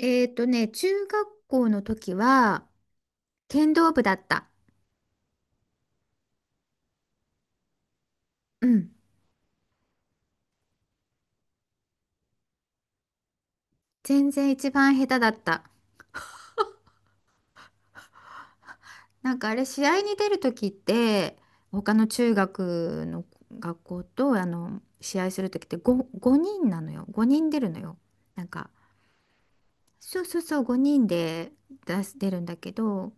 中学校の時は、剣道部だった。うん。全然一番下手だった。なんかあれ、試合に出る時って、他の中学の学校と、試合する時って5人なのよ。5人出るのよ。なんか、そうそうそう、5人で出るんだけど、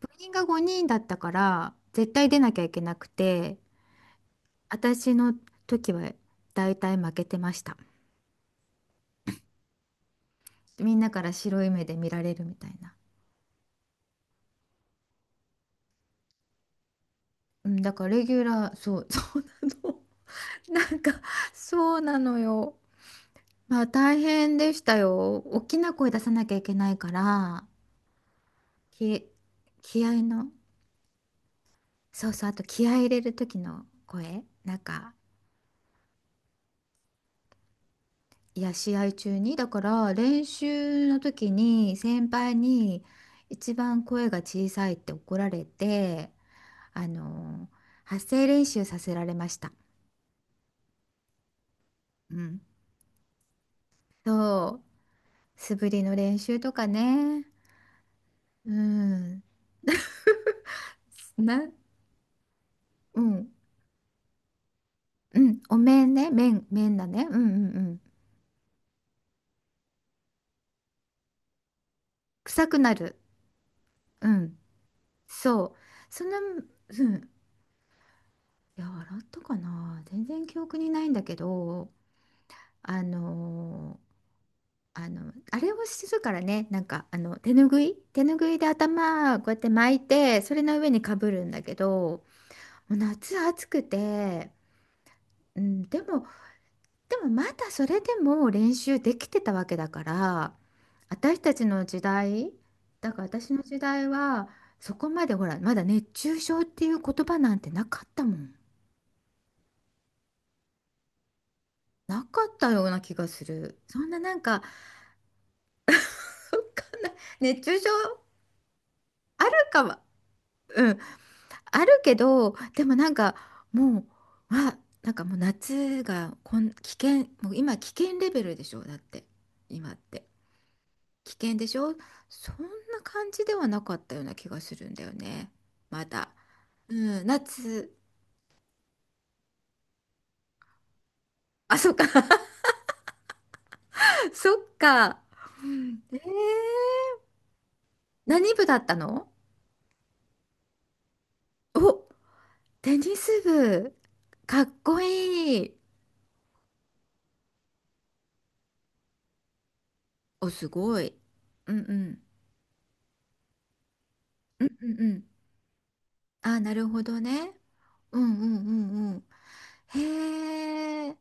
部員が5人だったから、絶対出なきゃいけなくて、私の時は大体負けてました。みんなから白い目で見られるみたいな。うん、だからレギュラー、そう、そうなの。なんか、そうなのよ。まあ大変でしたよ。大きな声出さなきゃいけないから、き、気合の、そうそう、あと気合い入れる時の声、なんか、いや、試合中に、だから練習の時に先輩に一番声が小さいって怒られて、あの、発声練習させられました。うん。そう、素振りの練習とかね。うん。な、うん。うん。お面ね。面、面だね。うんうんうん。臭くなる。うん。そう。その、うん。いや、洗ったかな。全然記憶にないんだけど、あのーあれをするからね。なんか、手ぬぐいで頭、こうやって巻いて、それの上にかぶるんだけど、もう夏暑くて、うん、でもまだそれでも練習できてたわけだから、私たちの時代だから私の時代はそこまで、ほら、まだ熱中症っていう言葉なんてなかったもん。なかったような気がする。そんな、なんか、わかんない。熱中症あるかは、うん、あるけど、でもなんか、もう、あ、なんか、もう夏がこん、危険、もう今危険レベルでしょ、だって今って。危険でしょ。そんな感じではなかったような気がするんだよね。まだ。うん、夏。あ、そっか。そっか。うん。何部だったの？お、テニス部。かっこいい。お、すごい。うんうん。うんうんうん。あ、なるほどね。うんうんうんうん。へえ、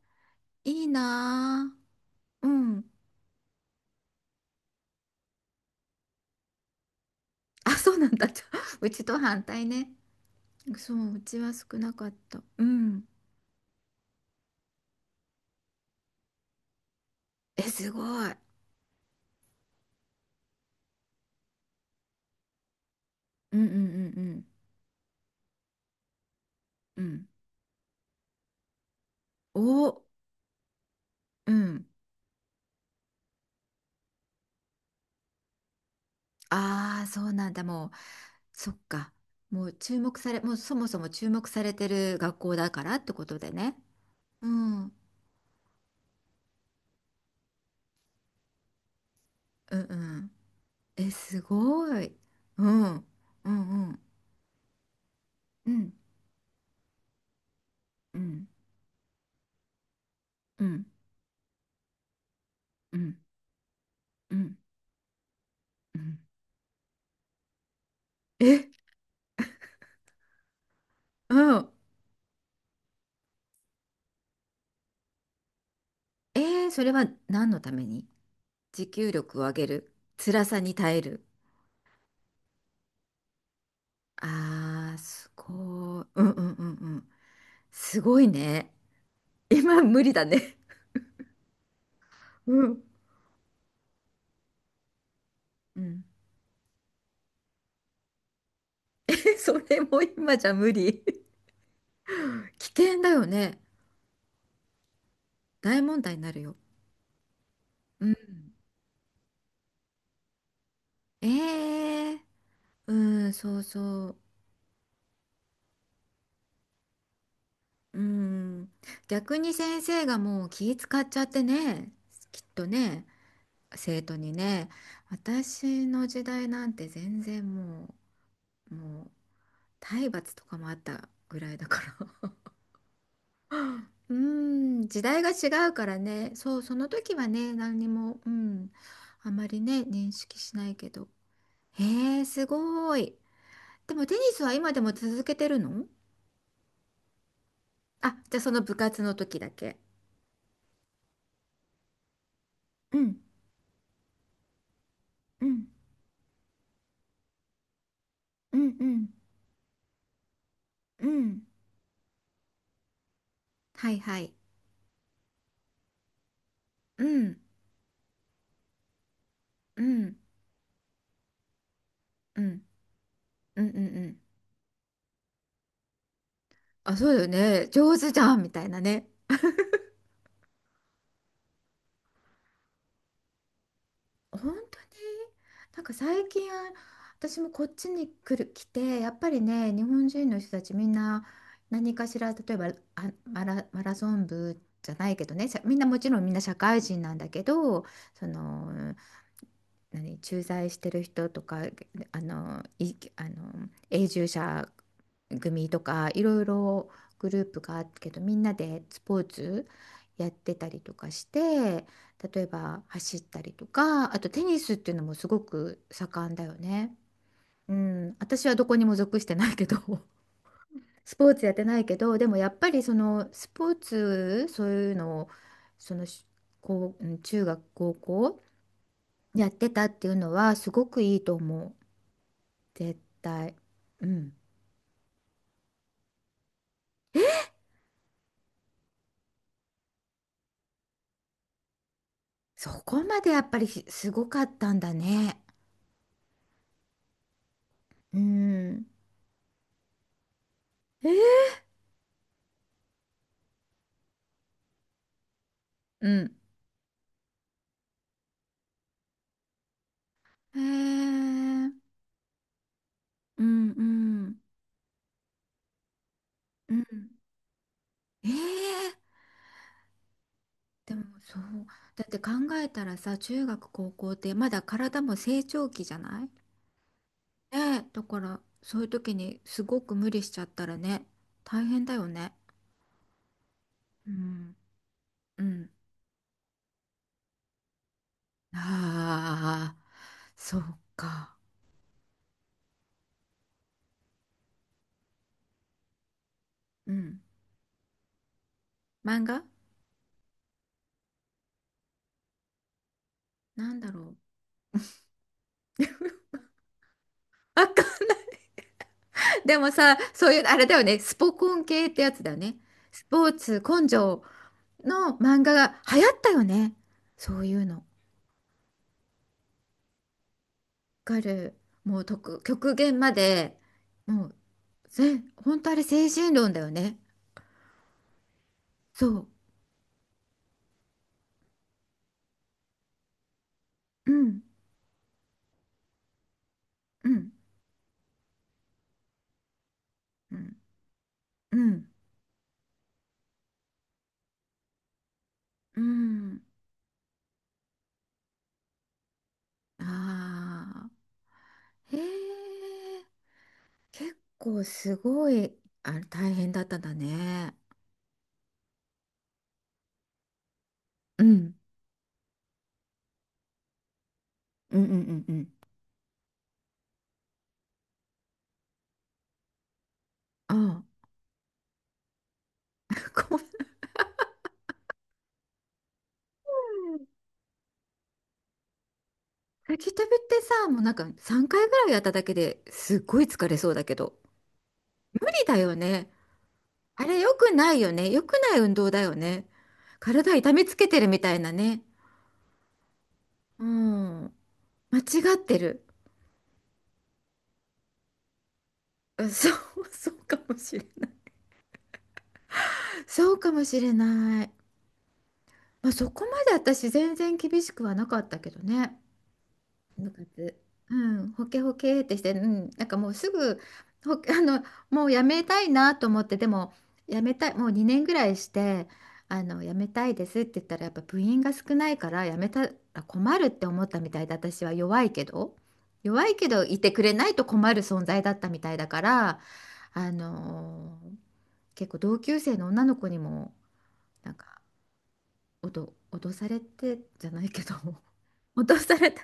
いいなあ。うん。あ、そうなんだ。うちと反対ね。そう、うちは少なかった。うん。え、すごい。うんうんうんうん。うん。お、うん。ああ、そうなんだ。もう、そっか。もうそもそも注目されてる学校だからってことでね。うん。うんうん。え、すごい。うん。うんうんうん。うんうんうんうん。うん。え、うん。それは何のために、持久力を上げる。辛さに耐える。ああ、すごい。うんうんうんうん。すごいね。今無理だね。うん。うん。それも今じゃ無理。危険だよね。大問題になるよ。うん。ええ。うん、そうそう。うん。逆に先生がもう気使っちゃってね。きっとね、生徒にね。私の時代なんて全然もう体罰とかもあったぐらいだから。うーん、時代が違うからね。そう、その時はね、何にも、うん、あまりね、認識しないけど。へえ、すごい。でもテニスは今でも続けてるの？あ、じゃあその部活の時だけ。うん、うん、うん、うん、うん。はいはい。うん、うん、うん、うん、うん、うん。あ、そうだよね。上手じゃんみたいなね。本当に。なんか最近私もこっちに来て、やっぱりね、日本人の人たちみんな何かしら、例えば、マラソン部じゃないけどね、さ、みんな、もちろんみんな社会人なんだけど、その、何、駐在してる人とか、あのいあの永住者組とか、いろいろグループがあるけど、みんなでスポーツやってたりとかして。例えば走ったりとか、あとテニスっていうのもすごく盛んだよね。うん、私はどこにも属してないけど スポーツやってないけど、でもやっぱり、そのスポーツ、そういうのを、そのし、こう、うん、中学、高校やってたっていうのはすごくいいと思う。絶対。うん。そこまでやっぱりすごかったんだね。うん。えー、うん。へえ。うんうん。うん。ええ。でもそう、だって考えたらさ、中学高校ってまだ体も成長期じゃない？ねえ、だからそういう時にすごく無理しちゃったらね、大変だよね。うん、うん。ああ、そうか。うん。漫画、なんだろう。あか、でもさ、そういう、あれだよね、スポコン系ってやつだよね。スポーツ根性の漫画が流行ったよね。そういうの。わかる。もう、極限まで。も本当あれ精神論だよね。そう。うん、うん、うん、うん、うん。ああ、へえ、結構すごい、あ、大変だったんだね。うん、うん、うん、うん。うん。ああ、ごめん。滝旅ってさ、もうなんか3回ぐらいやっただけですっごい疲れそうだけど、無理だよね。あれ良くないよね。良くない運動だよね。体痛めつけてるみたいなね。うん。間違ってる。うん、そう、そうかもしれない。そうかもしれない。まあ、そこまで私全然厳しくはなかったけどね。部活。うん、ほけほけってして、うん、なんかもうすぐ、ほ、あの、もうやめたいなと思って、でも、やめたい、もう2年ぐらいして、あの、やめたいですって言ったら、やっぱ部員が少ないから、やめたら困るって思ったみたいで、私は弱いけど、いてくれないと困る存在だったみたいだから、あの結構同級生の女の子にも、なんか、脅されてじゃないけど、脅された。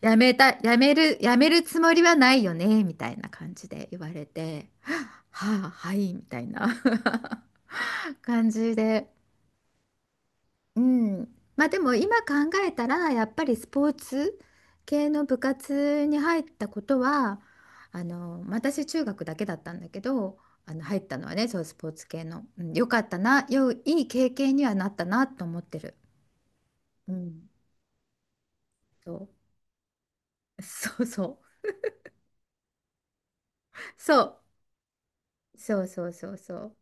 やめるつもりはないよね、みたいな感じで言われて、はあ、はい、みたいな 感じで。うん。まあでも今考えたら、やっぱりスポーツ系の部活に入ったことは、私中学だけだったんだけど、入ったのはね、そうスポーツ系の。うん、よかったな、いい経験にはなったなと思ってる。うん。そう。そうそう。そう。そうそうそうそう。